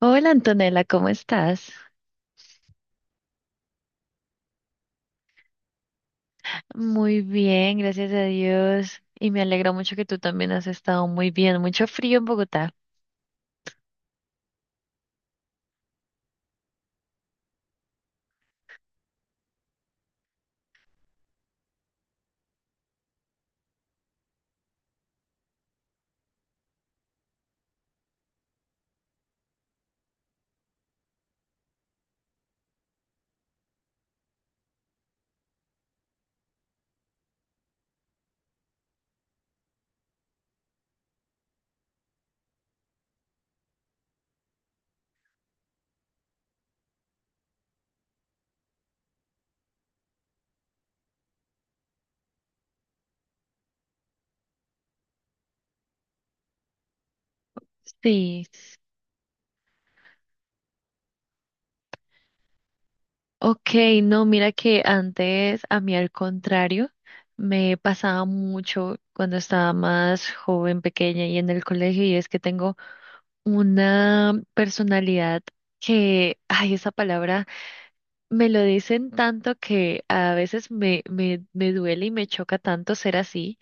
Hola Antonella, ¿cómo estás? Muy bien, gracias a Dios. Y me alegra mucho que tú también has estado muy bien. Mucho frío en Bogotá. Sí. Ok, no, mira que antes a mí al contrario, me pasaba mucho cuando estaba más joven, pequeña y en el colegio, y es que tengo una personalidad que, ay, esa palabra me lo dicen tanto que a veces me duele y me choca tanto ser así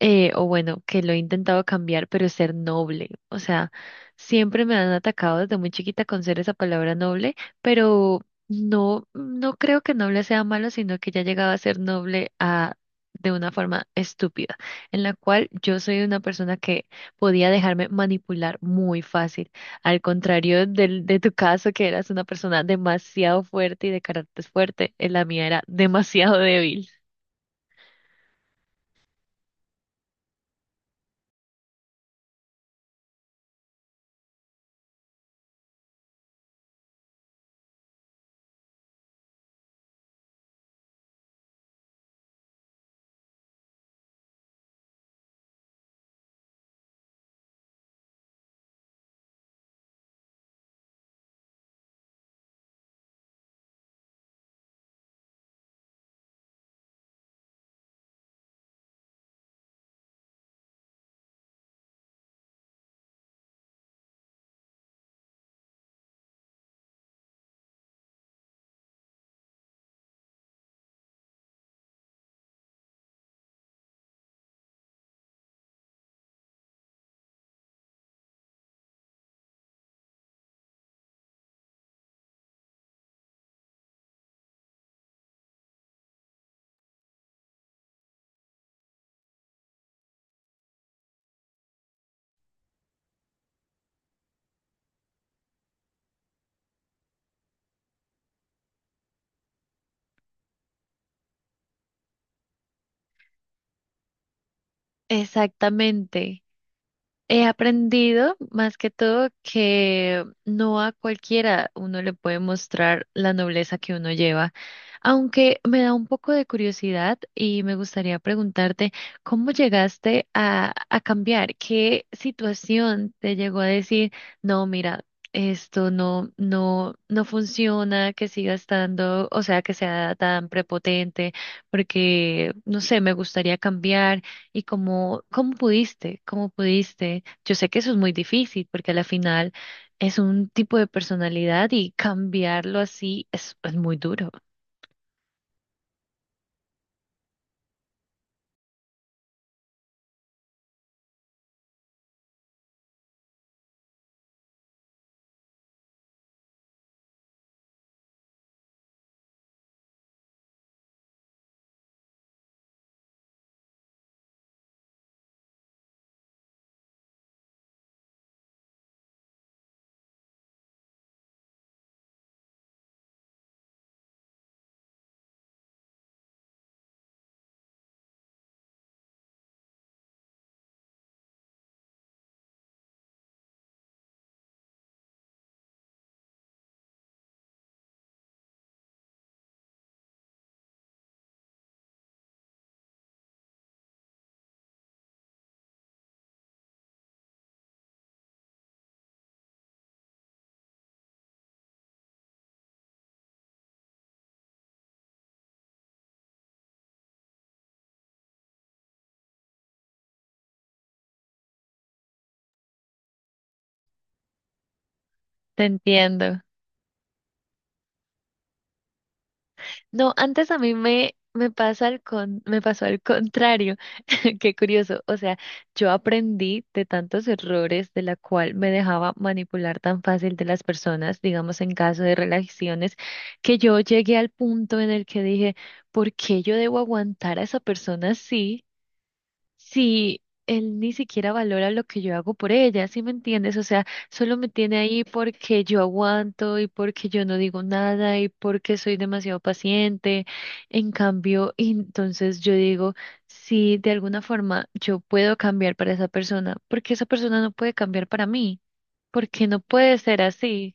o bueno, que lo he intentado cambiar, pero ser noble. O sea, siempre me han atacado desde muy chiquita con ser esa palabra noble, pero no, creo que noble sea malo, sino que ya llegaba a ser noble a, de una forma estúpida, en la cual yo soy una persona que podía dejarme manipular muy fácil, al contrario de tu caso, que eras una persona demasiado fuerte y de carácter fuerte. La mía era demasiado débil. Exactamente. He aprendido más que todo que no a cualquiera uno le puede mostrar la nobleza que uno lleva, aunque me da un poco de curiosidad y me gustaría preguntarte cómo llegaste a cambiar, qué situación te llegó a decir, no, mira, esto no funciona, que siga estando, o sea, que sea tan prepotente, porque, no sé, me gustaría cambiar. ¿Y cómo pudiste? ¿Cómo pudiste? Yo sé que eso es muy difícil porque a la final es un tipo de personalidad y cambiarlo así es muy duro. Te entiendo. No, antes a mí me pasó al contrario. Qué curioso. O sea, yo aprendí de tantos errores de la cual me dejaba manipular tan fácil de las personas, digamos en caso de relaciones, que yo llegué al punto en el que dije, ¿por qué yo debo aguantar a esa persona así? Si él ni siquiera valora lo que yo hago por ella, ¿sí me entiendes? O sea, solo me tiene ahí porque yo aguanto y porque yo no digo nada y porque soy demasiado paciente. En cambio, y entonces yo digo, si de alguna forma yo puedo cambiar para esa persona, ¿porque esa persona no puede cambiar para mí? ¿Porque no puede ser así?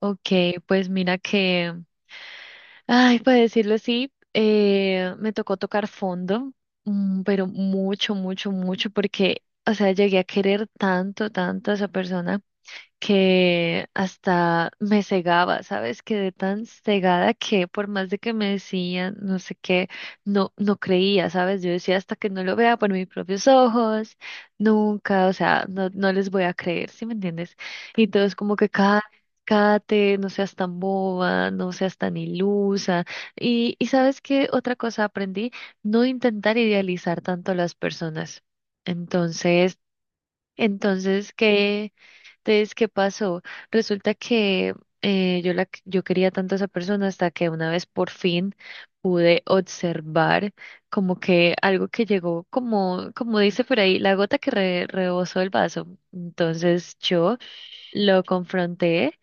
Ok, pues mira que, ay, para decirlo así, me tocó tocar fondo, pero mucho, mucho, mucho, porque, o sea, llegué a querer tanto, tanto a esa persona que hasta me cegaba, ¿sabes? Quedé tan cegada que por más de que me decían no sé qué, no creía, ¿sabes? Yo decía hasta que no lo vea por mis propios ojos, nunca, o sea, no les voy a creer, ¿sí me entiendes? Y todos como que cada. Cállate, no seas tan boba, no seas tan ilusa. Y sabes qué otra cosa aprendí, no intentar idealizar tanto a las personas. Entonces, ¿Qué? Entonces, ¿qué pasó? Resulta que yo quería tanto a esa persona hasta que una vez por fin pude observar como que algo que llegó, como, como dice por ahí, la gota que rebosó el vaso. Entonces yo lo confronté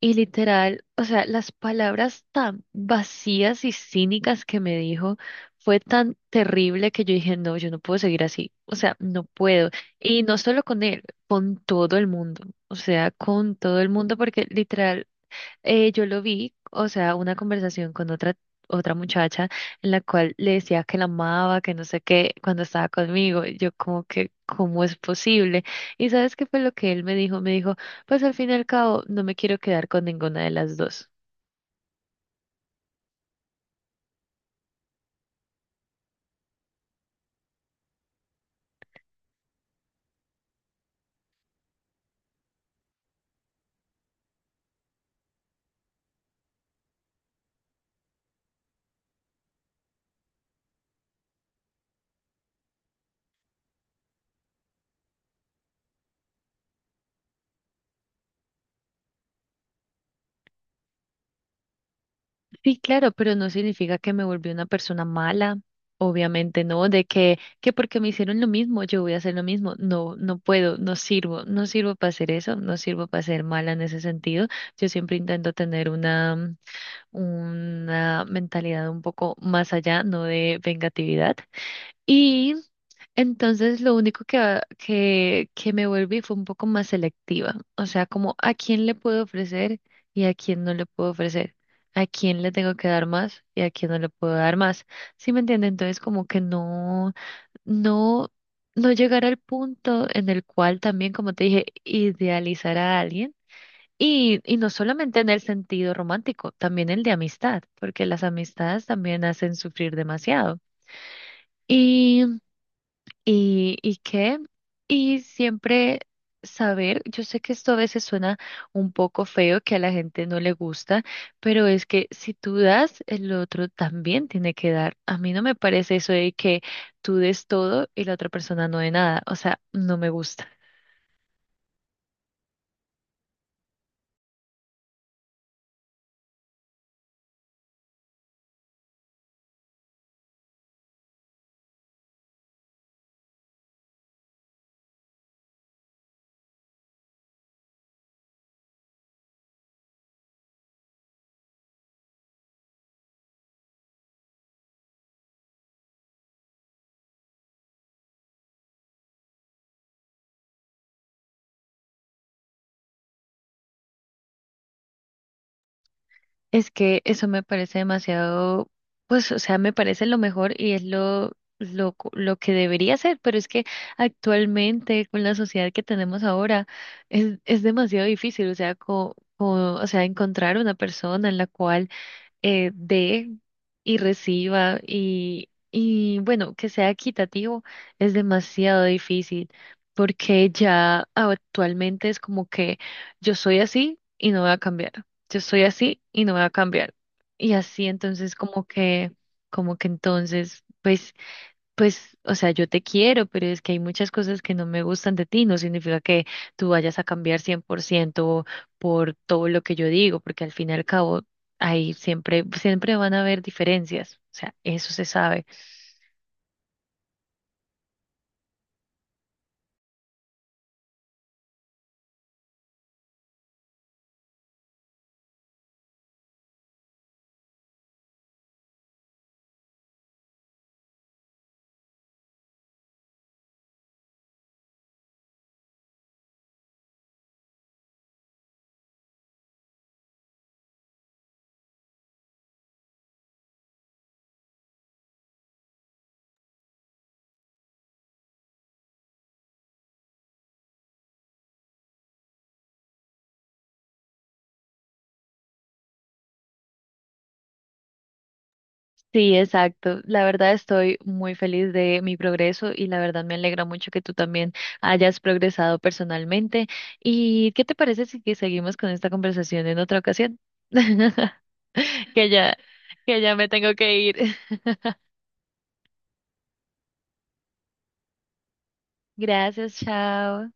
y literal, o sea, las palabras tan vacías y cínicas que me dijo fue tan terrible que yo dije, no, yo no puedo seguir así, o sea, no puedo. Y no solo con él, con todo el mundo, o sea, con todo el mundo, porque literal, yo lo vi, o sea, una conversación con otra, muchacha en la cual le decía que la amaba, que no sé qué, cuando estaba conmigo. Y yo como que, ¿cómo es posible? ¿Y sabes qué fue lo que él me dijo? Me dijo, pues al fin y al cabo, no me quiero quedar con ninguna de las dos. Sí, claro, pero no significa que me volví una persona mala. Obviamente no, de que, porque me hicieron lo mismo, yo voy a hacer lo mismo. No, no puedo, no sirvo, no sirvo para hacer eso, no sirvo para ser mala en ese sentido. Yo siempre intento tener una mentalidad un poco más allá, no de vengatividad. Y entonces lo único que me volví fue un poco más selectiva, o sea, como a quién le puedo ofrecer y a quién no le puedo ofrecer, a quién le tengo que dar más y a quién no le puedo dar más. ¿Sí me entiende? Entonces como que no, no llegar al punto en el cual también, como te dije, idealizar a alguien y no solamente en el sentido romántico, también el de amistad, porque las amistades también hacen sufrir demasiado. Y, y, y qué, y siempre saber, yo sé que esto a veces suena un poco feo, que a la gente no le gusta, pero es que si tú das, el otro también tiene que dar. A mí no me parece eso de que tú des todo y la otra persona no dé nada, o sea, no me gusta. Es que eso me parece demasiado, pues, o sea, me parece lo mejor y es lo que debería ser, pero es que actualmente con la sociedad que tenemos ahora es, demasiado difícil, o sea, encontrar una persona en la cual, dé y reciba y bueno, que sea equitativo, es demasiado difícil porque ya actualmente es como que yo soy así y no voy a cambiar, yo soy así y no voy a cambiar. Y así entonces como que, entonces, pues, o sea, yo te quiero, pero es que hay muchas cosas que no me gustan de ti. No significa que tú vayas a cambiar 100% por ciento por todo lo que yo digo, porque al fin y al cabo, ahí siempre, siempre van a haber diferencias. O sea, eso se sabe. Sí, exacto. La verdad estoy muy feliz de mi progreso y la verdad me alegra mucho que tú también hayas progresado personalmente. ¿Y qué te parece si que seguimos con esta conversación en otra ocasión? Que ya, que ya me tengo que ir. Gracias, chao.